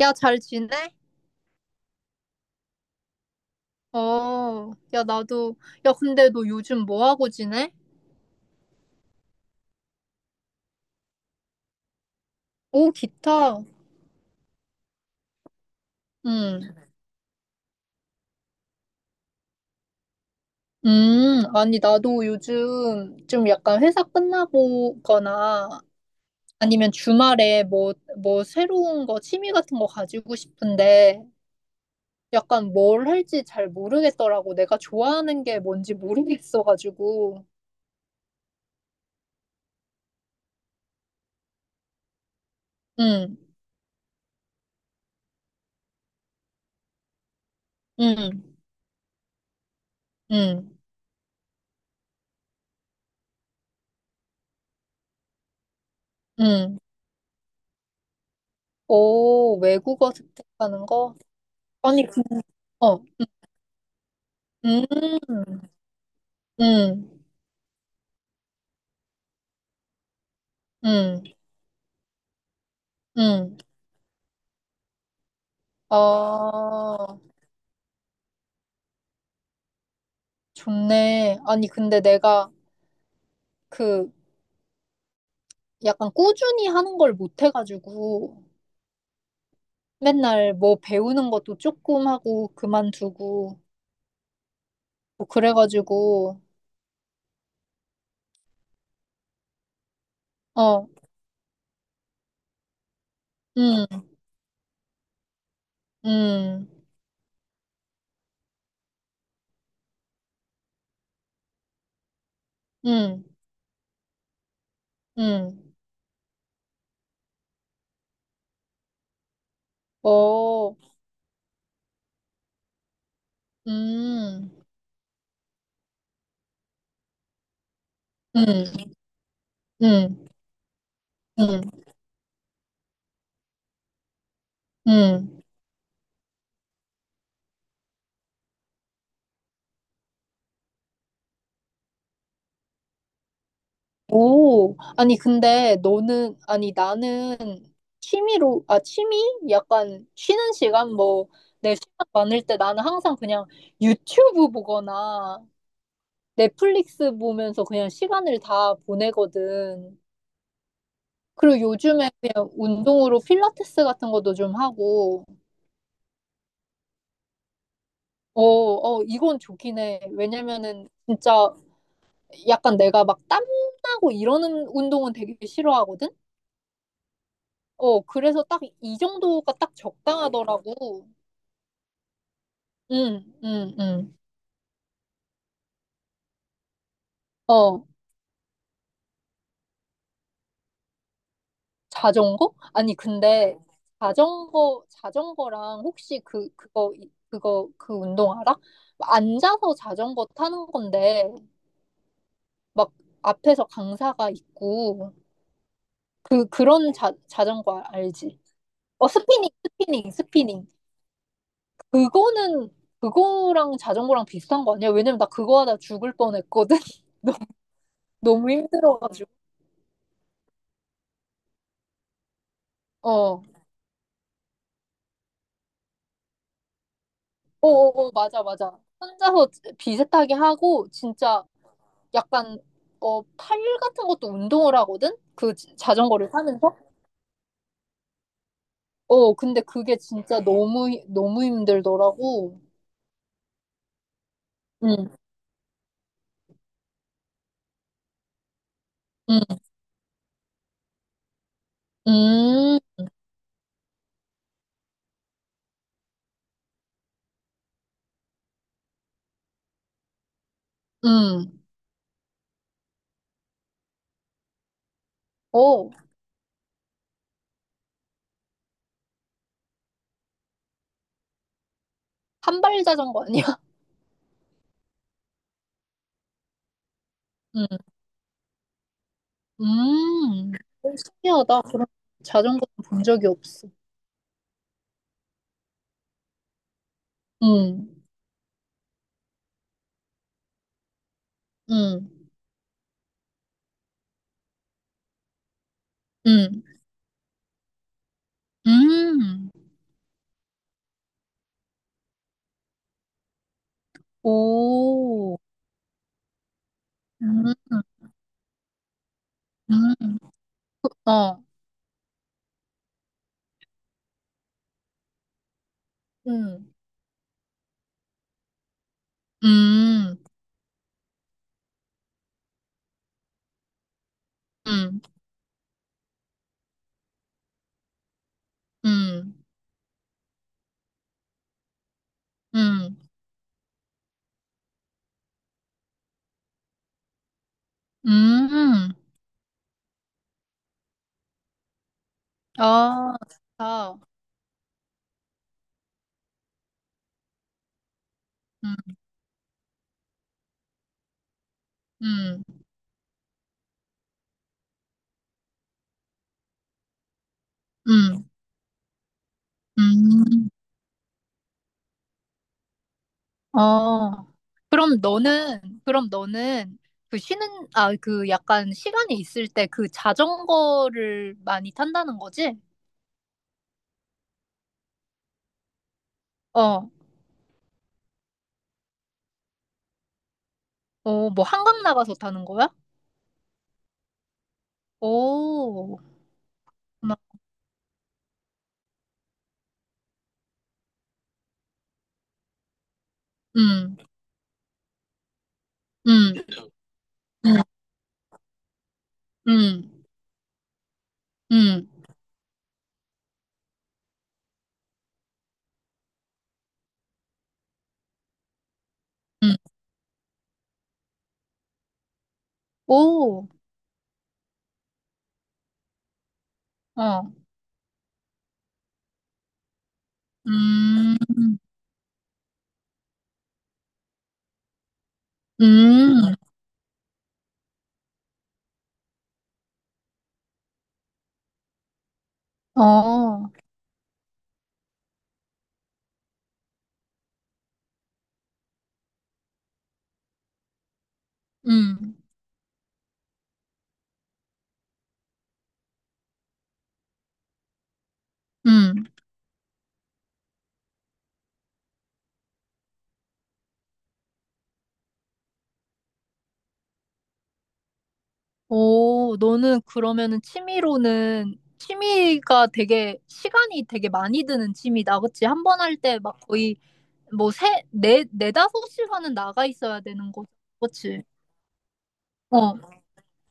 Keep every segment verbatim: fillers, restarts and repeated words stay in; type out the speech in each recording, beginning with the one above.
야, 잘 지내? 어, 야, 나도. 야, 근데 너 요즘 뭐 하고 지내? 오, 기타. 응. 음, 아니, 나도 요즘 좀 약간 회사 끝나보거나 아니면 주말에 뭐, 뭐 새로운 거, 취미 같은 거 가지고 싶은데 약간 뭘 할지 잘 모르겠더라고. 내가 좋아하는 게 뭔지 모르겠어가지고. 응, 응, 응, 응. 오, 외국어 습득하는 거? 아니, 그, 어. 음, 음, 음, 음. 아, 좋네. 아니, 근데 내가 그 약간 꾸준히 하는 걸 못 해가지고 맨날 뭐 배우는 것도 조금 하고 그만두고 뭐 그래가지고, 어, 음, 음, 음, 음, 어, 음, 음, 음, 음, 음. 오, 아니, 근데 너는, 아니, 나는 취미로, 아, 취미? 약간 쉬는 시간, 뭐, 내 시간 많을 때 나는 항상 그냥 유튜브 보거나 넷플릭스 보면서 그냥 시간을 다 보내거든. 그리고 요즘에 그냥 운동으로 필라테스 같은 것도 좀 하고, 어, 어, 이건 좋긴 해. 왜냐면은 진짜 약간 내가 막 땀나고 이러는 운동은 되게 싫어하거든? 어, 그래서 딱 이 정도가 딱 적당하더라고. 응, 응, 응. 어, 자전거? 아니, 근데 자전거, 자전거랑 혹시 그, 그거, 이- 그거, 그 운동 알아? 앉아서 자전거 타는 건데, 막 앞에서 강사가 있고, 그, 그런 자, 자전거 알- 알지? 어, 스피닝, 스피닝, 스피닝. 그거는, 그거랑 자전거랑 비슷한 거 아니야? 왜냐면 나 그거 하다 죽을 뻔했거든. 너무, 너무 힘들어가지고. 어. 어어어, 맞아, 맞아. 혼자서 비슷하게 하고, 진짜 약간, 어, 팔 같은 것도 운동을 하거든? 그 지- 자전거를 타면서? 어, 근데 그게 진짜 너무, 힘- 너무 힘들더라고. 응, 응, 음, 음. 오, 한발 자전거 아니야? 응, 음. 오, 신기하다. 그런 자전거 본 적이 없어. 응, 응, 응, 음. 오, 음, 음. 어, 응. 음, 음, 음, 음, 음. 아, 좋다. 음, 음, 음, 음. 어. 그럼 너는, 그럼 너는 그 쉬는, 아, 그 약간 시간이 있을 때 그 자전거를 많이 탄다는 거지? 어, 어, 뭐 한강 나가서 타는 거야? 오, 막, 음, 음, 음, 음, 음, 음. 오, 어, 음, 음. 어, 음, 음. 오, 너는 그러면은 취미로는, 취미가 되게, 시간이 되게 많이 드는 취미다. 그치? 한 번 할 때 막 거의 뭐 세, 네, 네다섯 시간은 나가 있어야 되는 거지. 그치? 어,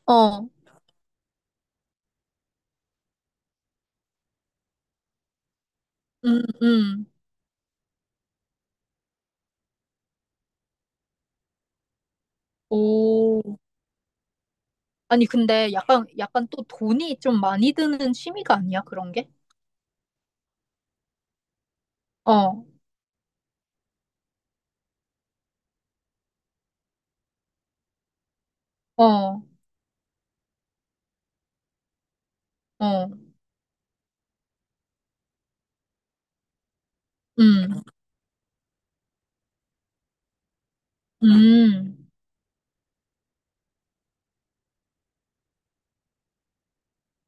어, 음, 음. 오. 아니, 근데 약간, 약간 또 돈이 좀 많이 드는 취미가 아니야? 그런 게? 어, 어, 어, 음, 음,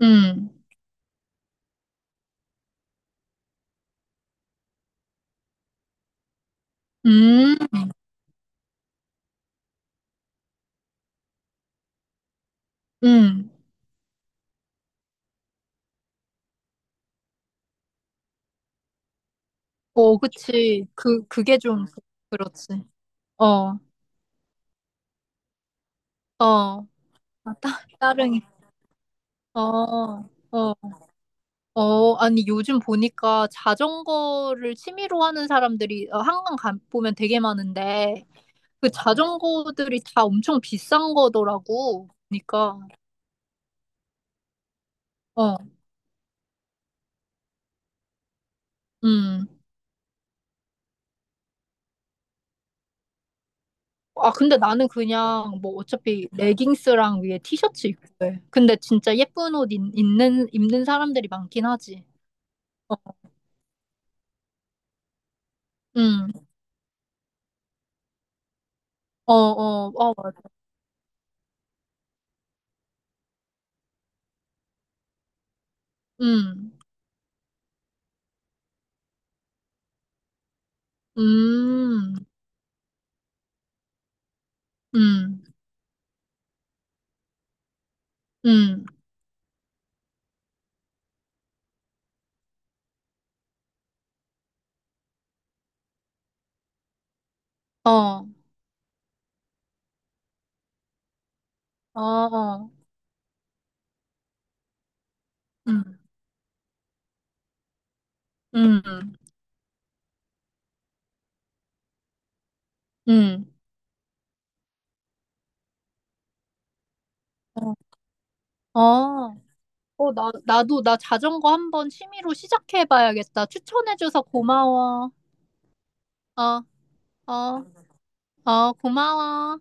음, 음, 음. 어, 그치. 그, 그게 좀 그렇지. 어, 어. 아, 따, 따릉이. 어, 어, 어. 아니, 요즘 보니까 자전거를 취미로 하는 사람들이 어, 한강 가, 보면 되게 많은데, 그 자전거들이 다 엄청 비싼 거더라고. 그러니까, 어, 음. 아, 근데 나는 그냥 뭐 어차피 레깅스랑 위에 티셔츠 입고 해. 근데 진짜 예쁜 옷 입, 는 입는 입는 사람들이 많긴 하지. 음. 어, 어, 어, 음, 음, 음, 음, 어, 어, 어, 음, 음, 음, 어, 어, 어, 나, 나도, 나 자전거 한번 취미로 시작해봐야겠다. 추천해줘서 고마워. 어, 어, 어, 고마워.